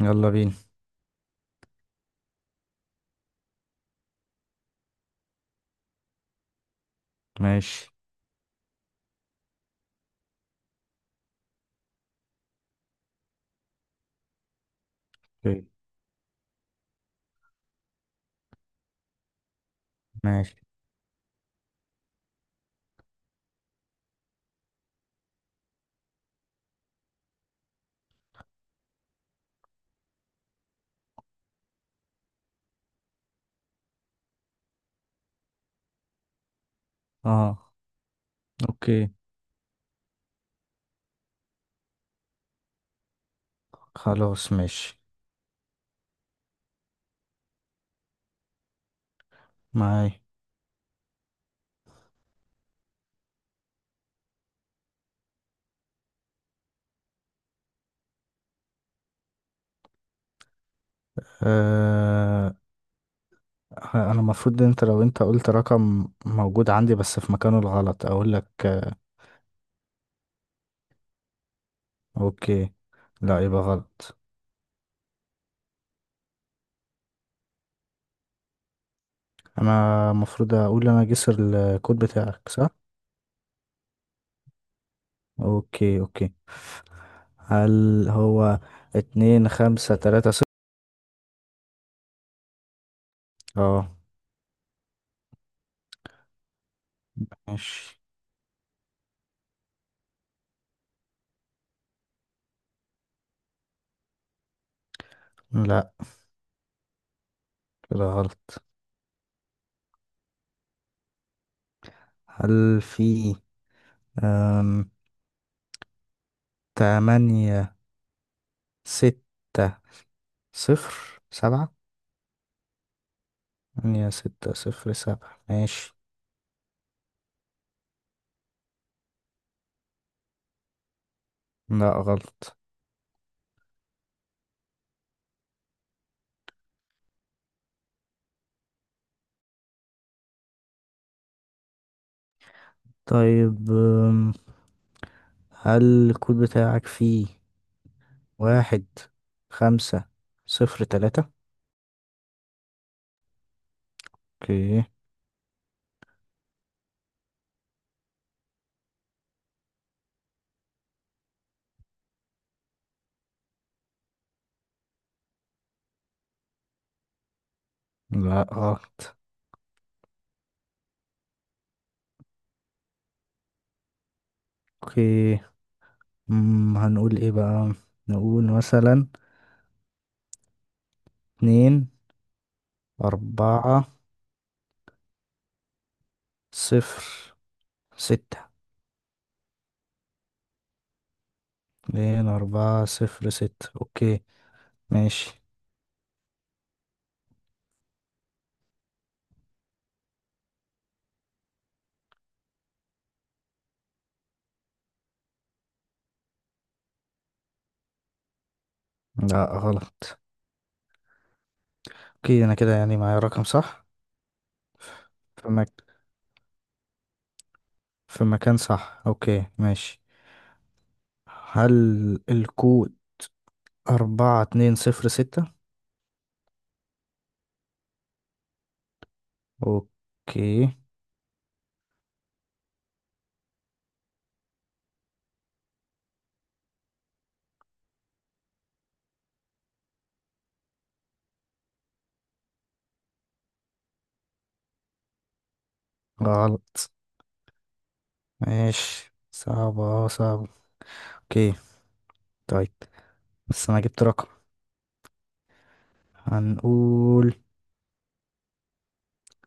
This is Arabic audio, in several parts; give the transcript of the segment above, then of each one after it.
يلا بينا. ماشي. اوكي. ماشي. اه. اوكي. خلاص، ماشي. معاي. آه، انا المفروض، انت لو انت قلت رقم موجود عندي بس في مكانه الغلط اقول لك آه؟ اوكي. لا، يبقى غلط. انا المفروض اقول انا جسر. الكود بتاعك صح. اوكي اوكي. هل هو 2530؟ اه. ماشي. لا، كده غلط. هل في آم، 8607؟ هي 607، ماشي. لا غلط. طيب، أم، هل الكود بتاعك فيه 1503؟ اوكي. لا غلط. اوكي. هنقول ايه بقى؟ نقول مثلا 2406. 2406، اوكي ماشي. لا غلط. اوكي، انا كده يعني معايا رقم صح. فما في مكان صح، اوكي ماشي. هل الكود 4206؟ اوكي. غلط. ماشي، صعبة صعبة. اوكي. طيب، بس أنا جبت رقم. هنقول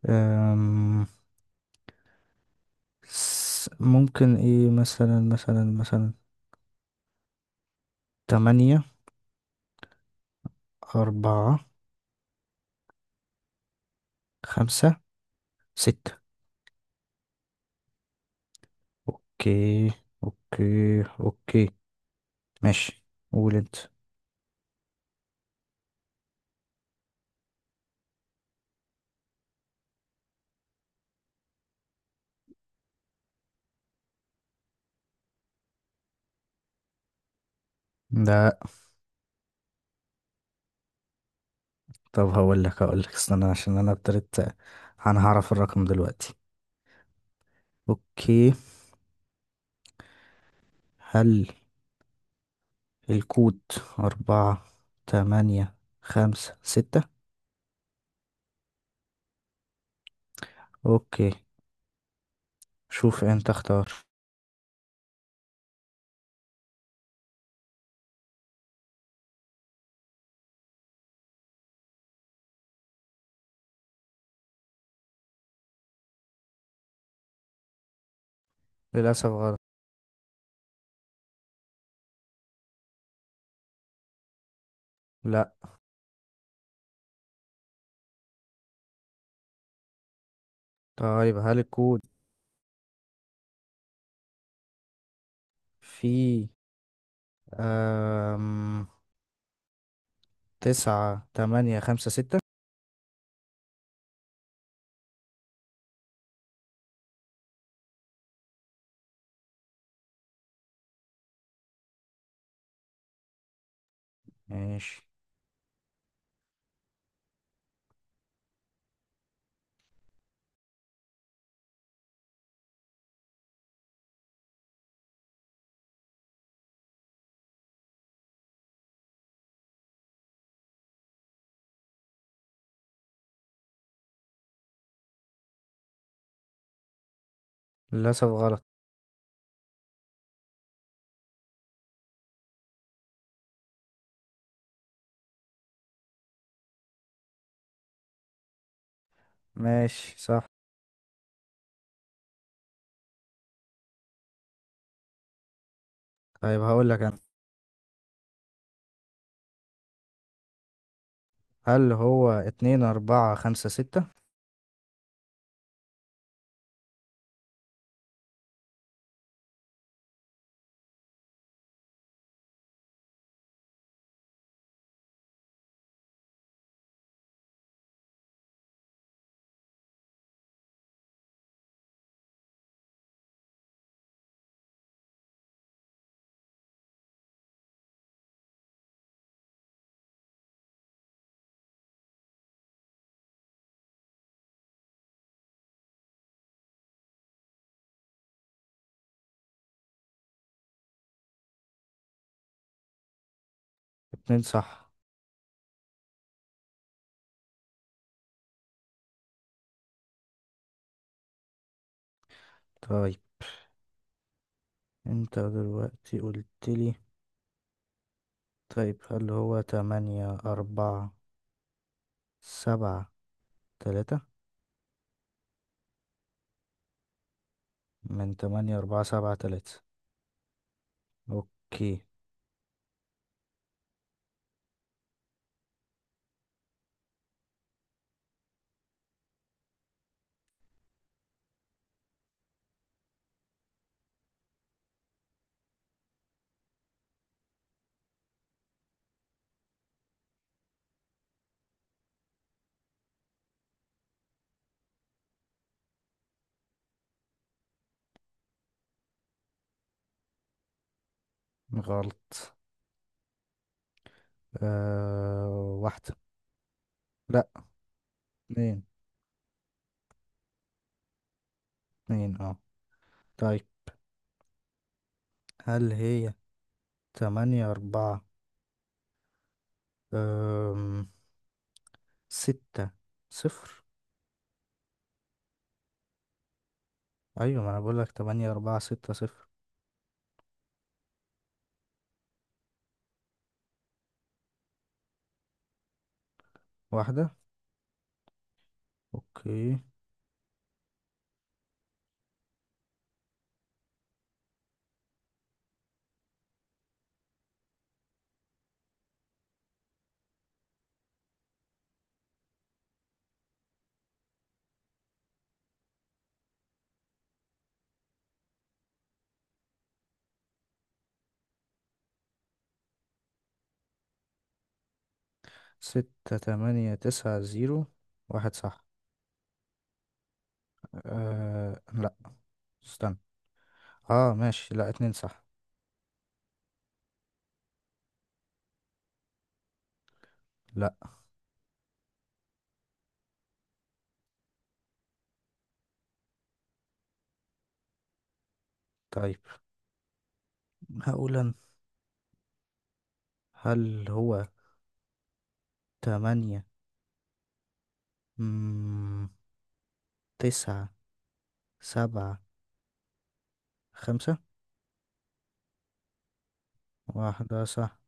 أم... ممكن ايه، مثلا 8456. اوكي اوكي اوكي. ماشي. قول انت. ده؟ طب، هقول لك استنى عشان انا ابتديت. انا هعرف الرقم دلوقتي. اوكي. هل الكود 4856؟ اوكي. شوف انت اختار. للأسف غلط. لا. طيب، هل الكود فيه أم... 9856؟ ماشي. للأسف غلط. ماشي. صح. طيب هقول لك انا، هل هو 2456؟ اتنين صح. طيب، انت دلوقتي قلتلي. طيب، هل هو 8473؟ من 8473. اوكي. غلط. آه، واحدة. لأ، اتنين. اتنين اه. طيب، هل هي تمانية أربعة أم ستة صفر؟ أيوة، ما أنا بقولك 8460. واحدة. اوكي. 6890. واحد صح. أه لأ، استنى. اه ماشي. لا، اتنين صح. لا. طيب، هقول انا. هل هو تمانية مم... تسعة سبعة خمسة؟ واحدة صح.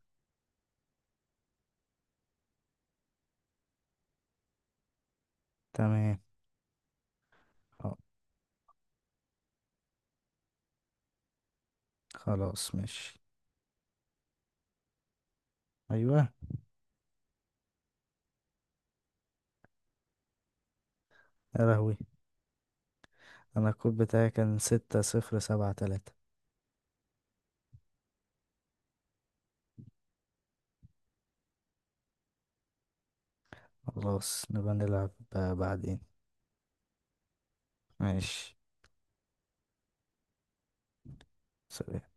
تمام. آه، خلاص ماشي. ايوه. يا لهوي. انا الكود بتاعي كان 6073. خلاص، نبقى نلعب. آه، بعدين. ماشي. سلام.